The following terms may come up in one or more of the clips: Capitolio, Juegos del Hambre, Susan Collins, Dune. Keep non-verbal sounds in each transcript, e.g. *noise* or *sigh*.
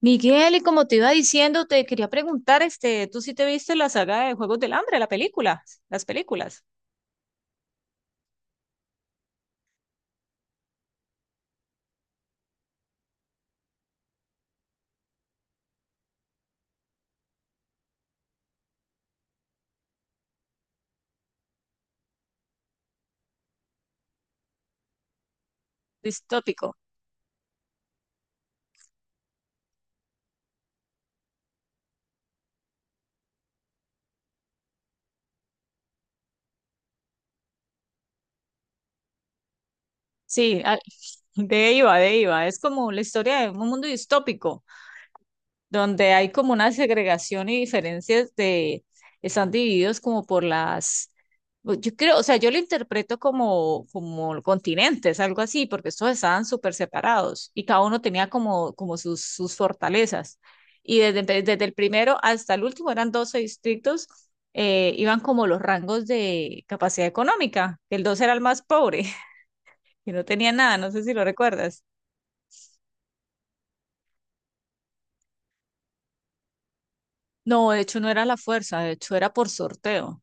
Miguel, y como te iba diciendo, te quería preguntar, ¿tú sí te viste la saga de Juegos del Hambre, la película, las películas? Distópico. Sí, ah, *laughs* de iba. Es como la historia de un mundo distópico. Donde hay como una segregación y diferencias de, están divididos como por las, pues, yo creo, o sea, yo lo interpreto como, como continentes, algo así, porque estos estaban súper separados y cada uno tenía como, como sus, sus fortalezas. Y desde el primero hasta el último eran 12 distritos, iban como los rangos de capacidad económica. El 2 era el más pobre, *laughs* que no tenía nada, no sé si lo recuerdas. No, de hecho no era la fuerza, de hecho era por sorteo.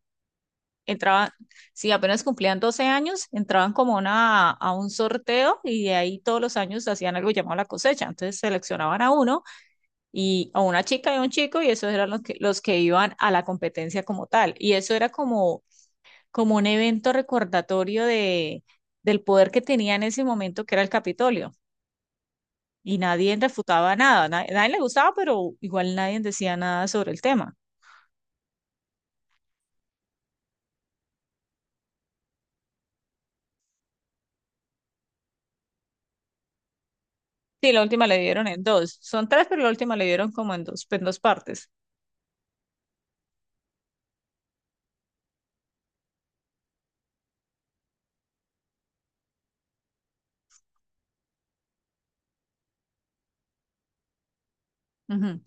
Entraban, si apenas cumplían 12 años, entraban como una, a un sorteo y de ahí todos los años hacían algo llamado la cosecha. Entonces seleccionaban a uno y a una chica y a un chico y esos eran los que iban a la competencia como tal. Y eso era como, como un evento recordatorio de, del poder que tenía en ese momento que era el Capitolio. Y nadie refutaba nada, nadie, le gustaba, pero igual nadie decía nada sobre el tema. Sí, la última le dieron en dos. Son tres, pero la última le dieron como en dos partes. Ujú.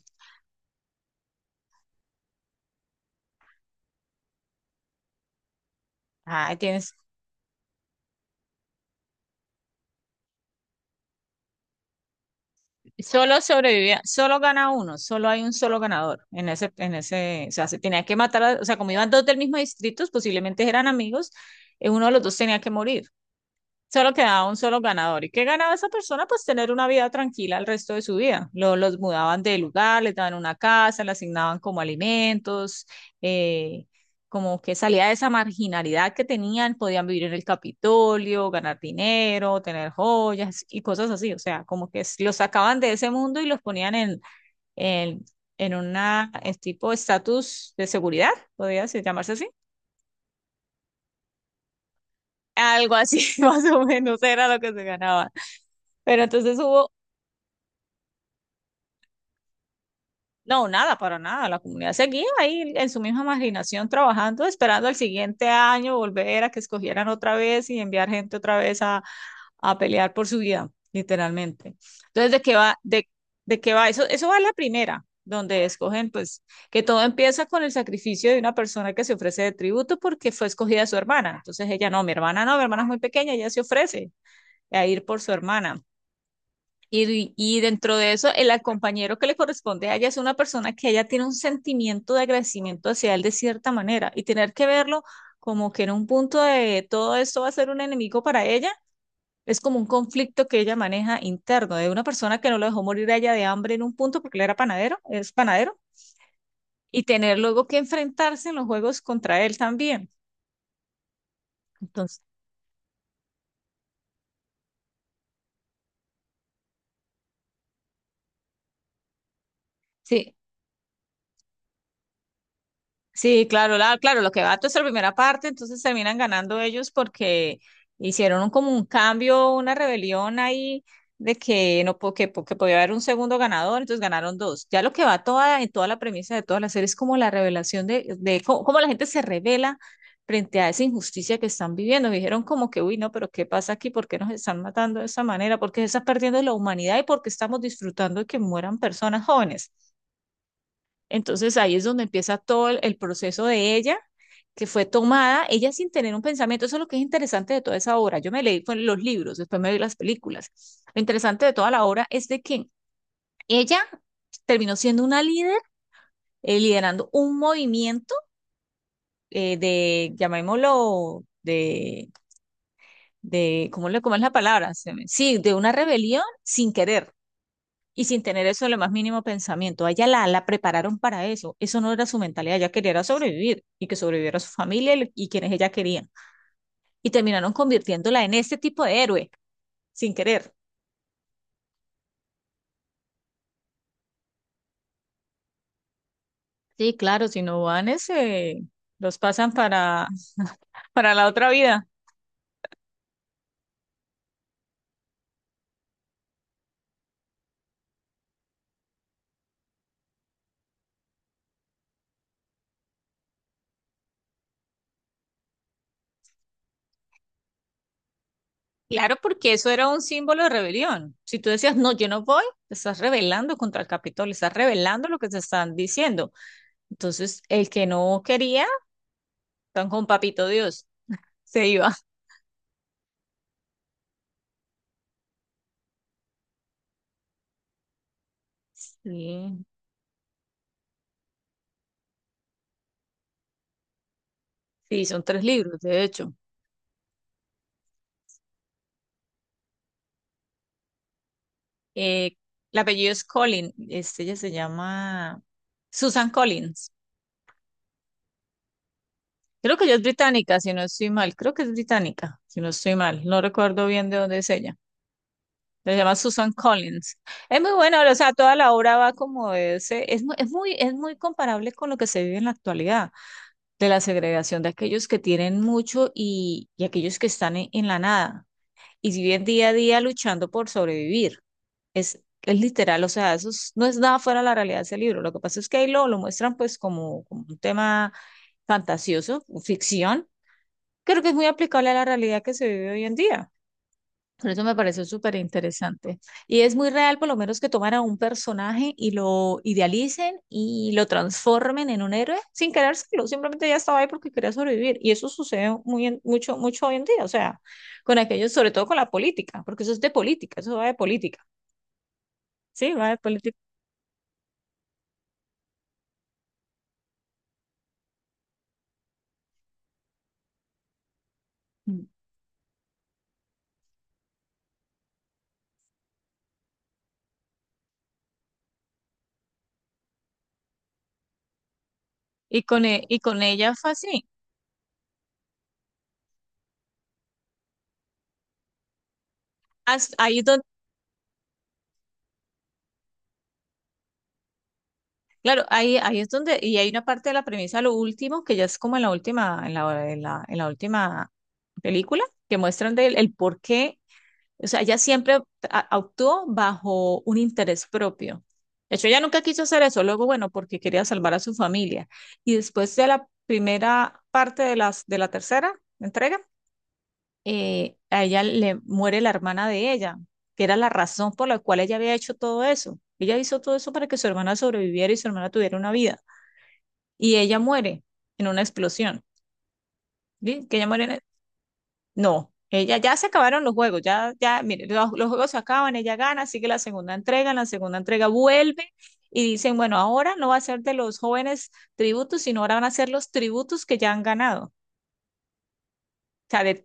Ah, tienes, solo sobrevivía, solo gana uno, solo hay un solo ganador en ese, o sea, se tenía que matar, o sea, como iban dos del mismo distrito, posiblemente eran amigos, uno de los dos tenía que morir. Solo quedaba un solo ganador. ¿Y qué ganaba esa persona? Pues tener una vida tranquila el resto de su vida. Los mudaban de lugar, les daban una casa, le asignaban como alimentos, eh, como que salía de esa marginalidad que tenían, podían vivir en el Capitolio, ganar dinero, tener joyas y cosas así. O sea, como que los sacaban de ese mundo y los ponían en, en una en tipo estatus de seguridad, podría llamarse así. Algo así, *laughs* más o menos, era lo que se ganaba. Pero entonces hubo no, nada, para nada. La comunidad seguía ahí en su misma marginación trabajando, esperando al siguiente año volver a que escogieran otra vez y enviar gente otra vez a pelear por su vida, literalmente. Entonces, ¿de qué va? De qué va? Eso va en la primera, donde escogen, pues, que todo empieza con el sacrificio de una persona que se ofrece de tributo porque fue escogida su hermana. Entonces ella, no, mi hermana no, mi hermana es muy pequeña, ella se ofrece a ir por su hermana. Y dentro de eso, el compañero que le corresponde a ella es una persona que ella tiene un sentimiento de agradecimiento hacia él de cierta manera y tener que verlo como que en un punto de todo esto va a ser un enemigo para ella, es como un conflicto que ella maneja interno de una persona que no lo dejó morir a ella de hambre en un punto porque él era panadero, es panadero, y tener luego que enfrentarse en los juegos contra él también. Entonces, sí, sí, claro, claro, lo que va es la primera parte, entonces terminan ganando ellos porque hicieron como un cambio, una rebelión ahí de que no po- que, que podía haber un segundo ganador, entonces ganaron dos. Ya lo que va toda en toda la premisa de toda la serie es como la revelación de cómo, cómo la gente se revela frente a esa injusticia que están viviendo. Dijeron como que, uy, no, pero ¿qué pasa aquí? ¿Por qué nos están matando de esa manera? ¿Por qué se está perdiendo la humanidad y por qué estamos disfrutando de que mueran personas jóvenes? Entonces ahí es donde empieza todo el proceso de ella, que fue tomada, ella sin tener un pensamiento. Eso es lo que es interesante de toda esa obra. Yo me leí fue los libros, después me vi las películas. Lo interesante de toda la obra es de que ella terminó siendo una líder, liderando un movimiento de, llamémoslo, de ¿cómo, le, ¿cómo es la palabra? Sí, de una rebelión sin querer. Y sin tener eso en lo más mínimo pensamiento. A ella la prepararon para eso. Eso no era su mentalidad. Ella quería era sobrevivir y que sobreviviera su familia y quienes ella quería. Y terminaron convirtiéndola en este tipo de héroe, sin querer. Sí, claro, si no van ese, los pasan para, *laughs* para la otra vida. Claro, porque eso era un símbolo de rebelión. Si tú decías, no, yo no voy, te estás rebelando contra el Capitolio, estás rebelando lo que te están diciendo. Entonces, el que no quería, tan con papito Dios, se iba. Sí, sí, son tres libros, de hecho. Eh, el apellido es Collins, ella se llama Susan Collins. Creo que ella es británica, si no estoy mal. Creo que es británica, si no estoy mal. No recuerdo bien de dónde es ella. Se llama Susan Collins. Es muy buena, o sea, toda la obra va como de ese, es, es muy comparable con lo que se vive en la actualidad, de la segregación de aquellos que tienen mucho y aquellos que están en la nada. Y si viven día a día luchando por sobrevivir. Es literal, o sea, no es nada fuera de la realidad de ese libro. Lo que pasa es que ahí lo muestran pues como, como un tema fantasioso, ficción, creo que es muy aplicable a la realidad que se vive hoy en día. Por eso me pareció súper interesante. Y es muy real, por lo menos, que tomaran un personaje y lo idealicen y lo transformen en un héroe sin querérselo. Simplemente ya estaba ahí porque quería sobrevivir. Y eso sucede muy mucho, mucho hoy en día. O sea, con aquellos, sobre todo con la política, porque eso es de política, eso va de política. Sí, va de política. Mm. Y con, y con ella fue así. Hasta ahí es claro, ahí, ahí es donde, y hay una parte de la premisa, lo último, que ya es como en la última, en la, en la, en la última película, que muestran del el por qué, o sea, ella siempre actuó bajo un interés propio. De hecho, ella nunca quiso hacer eso, luego, bueno, porque quería salvar a su familia. Y después de la primera parte de las, de la tercera entrega, a ella le muere la hermana de ella, que era la razón por la cual ella había hecho todo eso. Ella hizo todo eso para que su hermana sobreviviera y su hermana tuviera una vida y ella muere en una explosión. ¿Sí? Que ella muere en... no, ella ya se acabaron los juegos, ya, ya, mire, los juegos se acaban, ella gana, sigue la segunda entrega, en la segunda entrega vuelve y dicen, bueno, ahora no va a ser de los jóvenes tributos, sino ahora van a ser los tributos que ya han ganado. O sea, de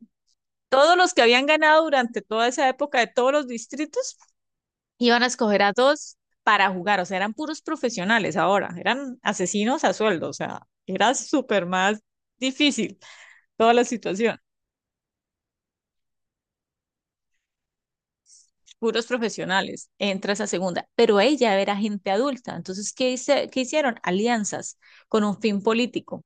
todos los que habían ganado durante toda esa época, de todos los distritos, iban a escoger a dos para jugar, o sea, eran puros profesionales ahora, eran asesinos a sueldo, o sea, era súper más difícil toda la situación. Puros profesionales, entra esa segunda, pero ella era gente adulta. Entonces, ¿qué, hice, qué hicieron? Alianzas con un fin político.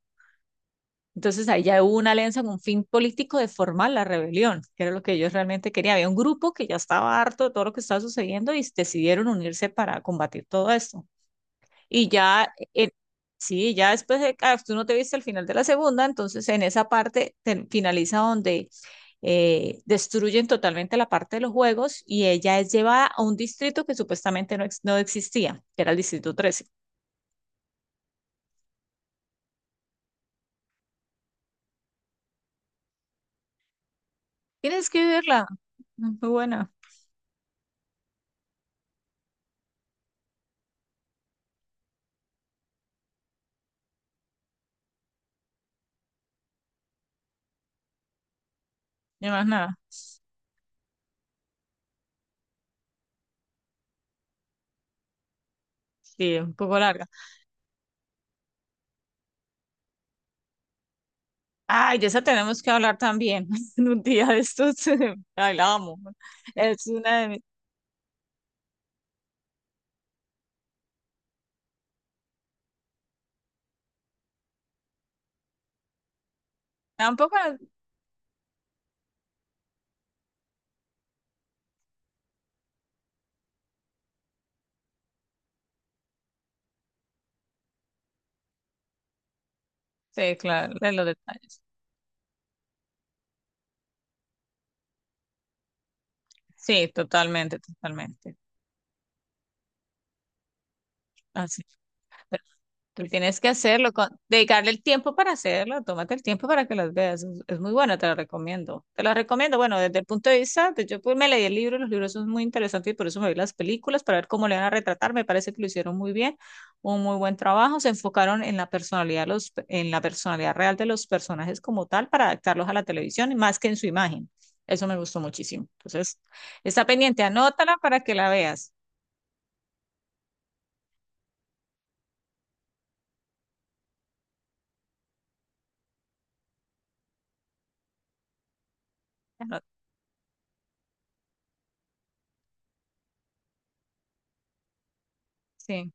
Entonces, ahí ya hubo una alianza con un fin político de formar la rebelión, que era lo que ellos realmente querían. Había un grupo que ya estaba harto de todo lo que estaba sucediendo y decidieron unirse para combatir todo esto. Y ya, sí, ya después de, ah, tú no te viste el final de la segunda, entonces en esa parte finaliza donde destruyen totalmente la parte de los juegos y ella es llevada a un distrito que supuestamente no, no existía, que era el distrito 13. Tienes que verla, mm, muy buena, no más nada. Sí, un poco larga. Ay, de esa tenemos que hablar también *laughs* en un día de estos. *laughs* Ay, la amo. Es una de mis... Tampoco, sí, claro, de los detalles. Sí, totalmente, totalmente. Así. Pero tú tienes que hacerlo, dedicarle el tiempo para hacerlo, tómate el tiempo para que las veas. Es muy bueno, te lo recomiendo. Te lo recomiendo, bueno, desde el punto de vista, yo pues me leí el libro, los libros son muy interesantes y por eso me vi las películas para ver cómo le van a retratar. Me parece que lo hicieron muy bien, un muy buen trabajo. Se enfocaron en la personalidad, en la personalidad real de los personajes como tal para adaptarlos a la televisión y más que en su imagen. Eso me gustó muchísimo. Entonces, está pendiente, anótala para que la veas. Ano- sí.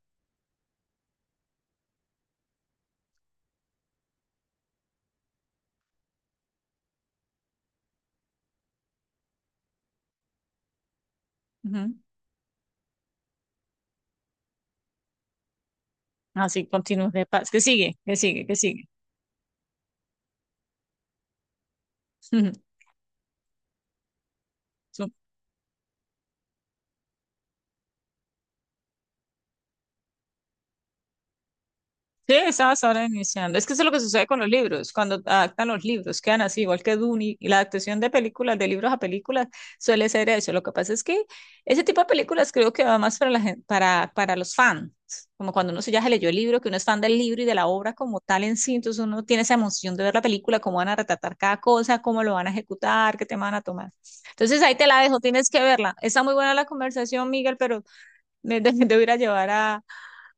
Así continuos de paz. ¿Qué sigue? ¿Qué sigue? ¿Qué sigue? *laughs* Su- sí, estabas ahora iniciando. Es que eso es lo que sucede con los libros. Cuando adaptan los libros, quedan así, igual que Dune, y la adaptación de películas, de libros a películas, suele ser eso. Lo que pasa es que ese tipo de películas creo que va más para, para los fans. Como cuando uno se ya se leyó el libro, que uno es fan del libro y de la obra como tal en sí, entonces uno tiene esa emoción de ver la película, cómo van a retratar cada cosa, cómo lo van a ejecutar, qué tema van a tomar. Entonces ahí te la dejo, tienes que verla. Está muy buena la conversación, Miguel, pero de, de ir a llevar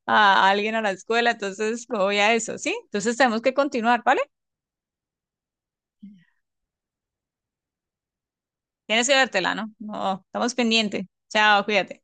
a alguien a la escuela, entonces me voy a eso, ¿sí? Entonces tenemos que continuar, ¿vale? Tienes que vértela, ¿no? No, estamos pendientes. Chao, cuídate.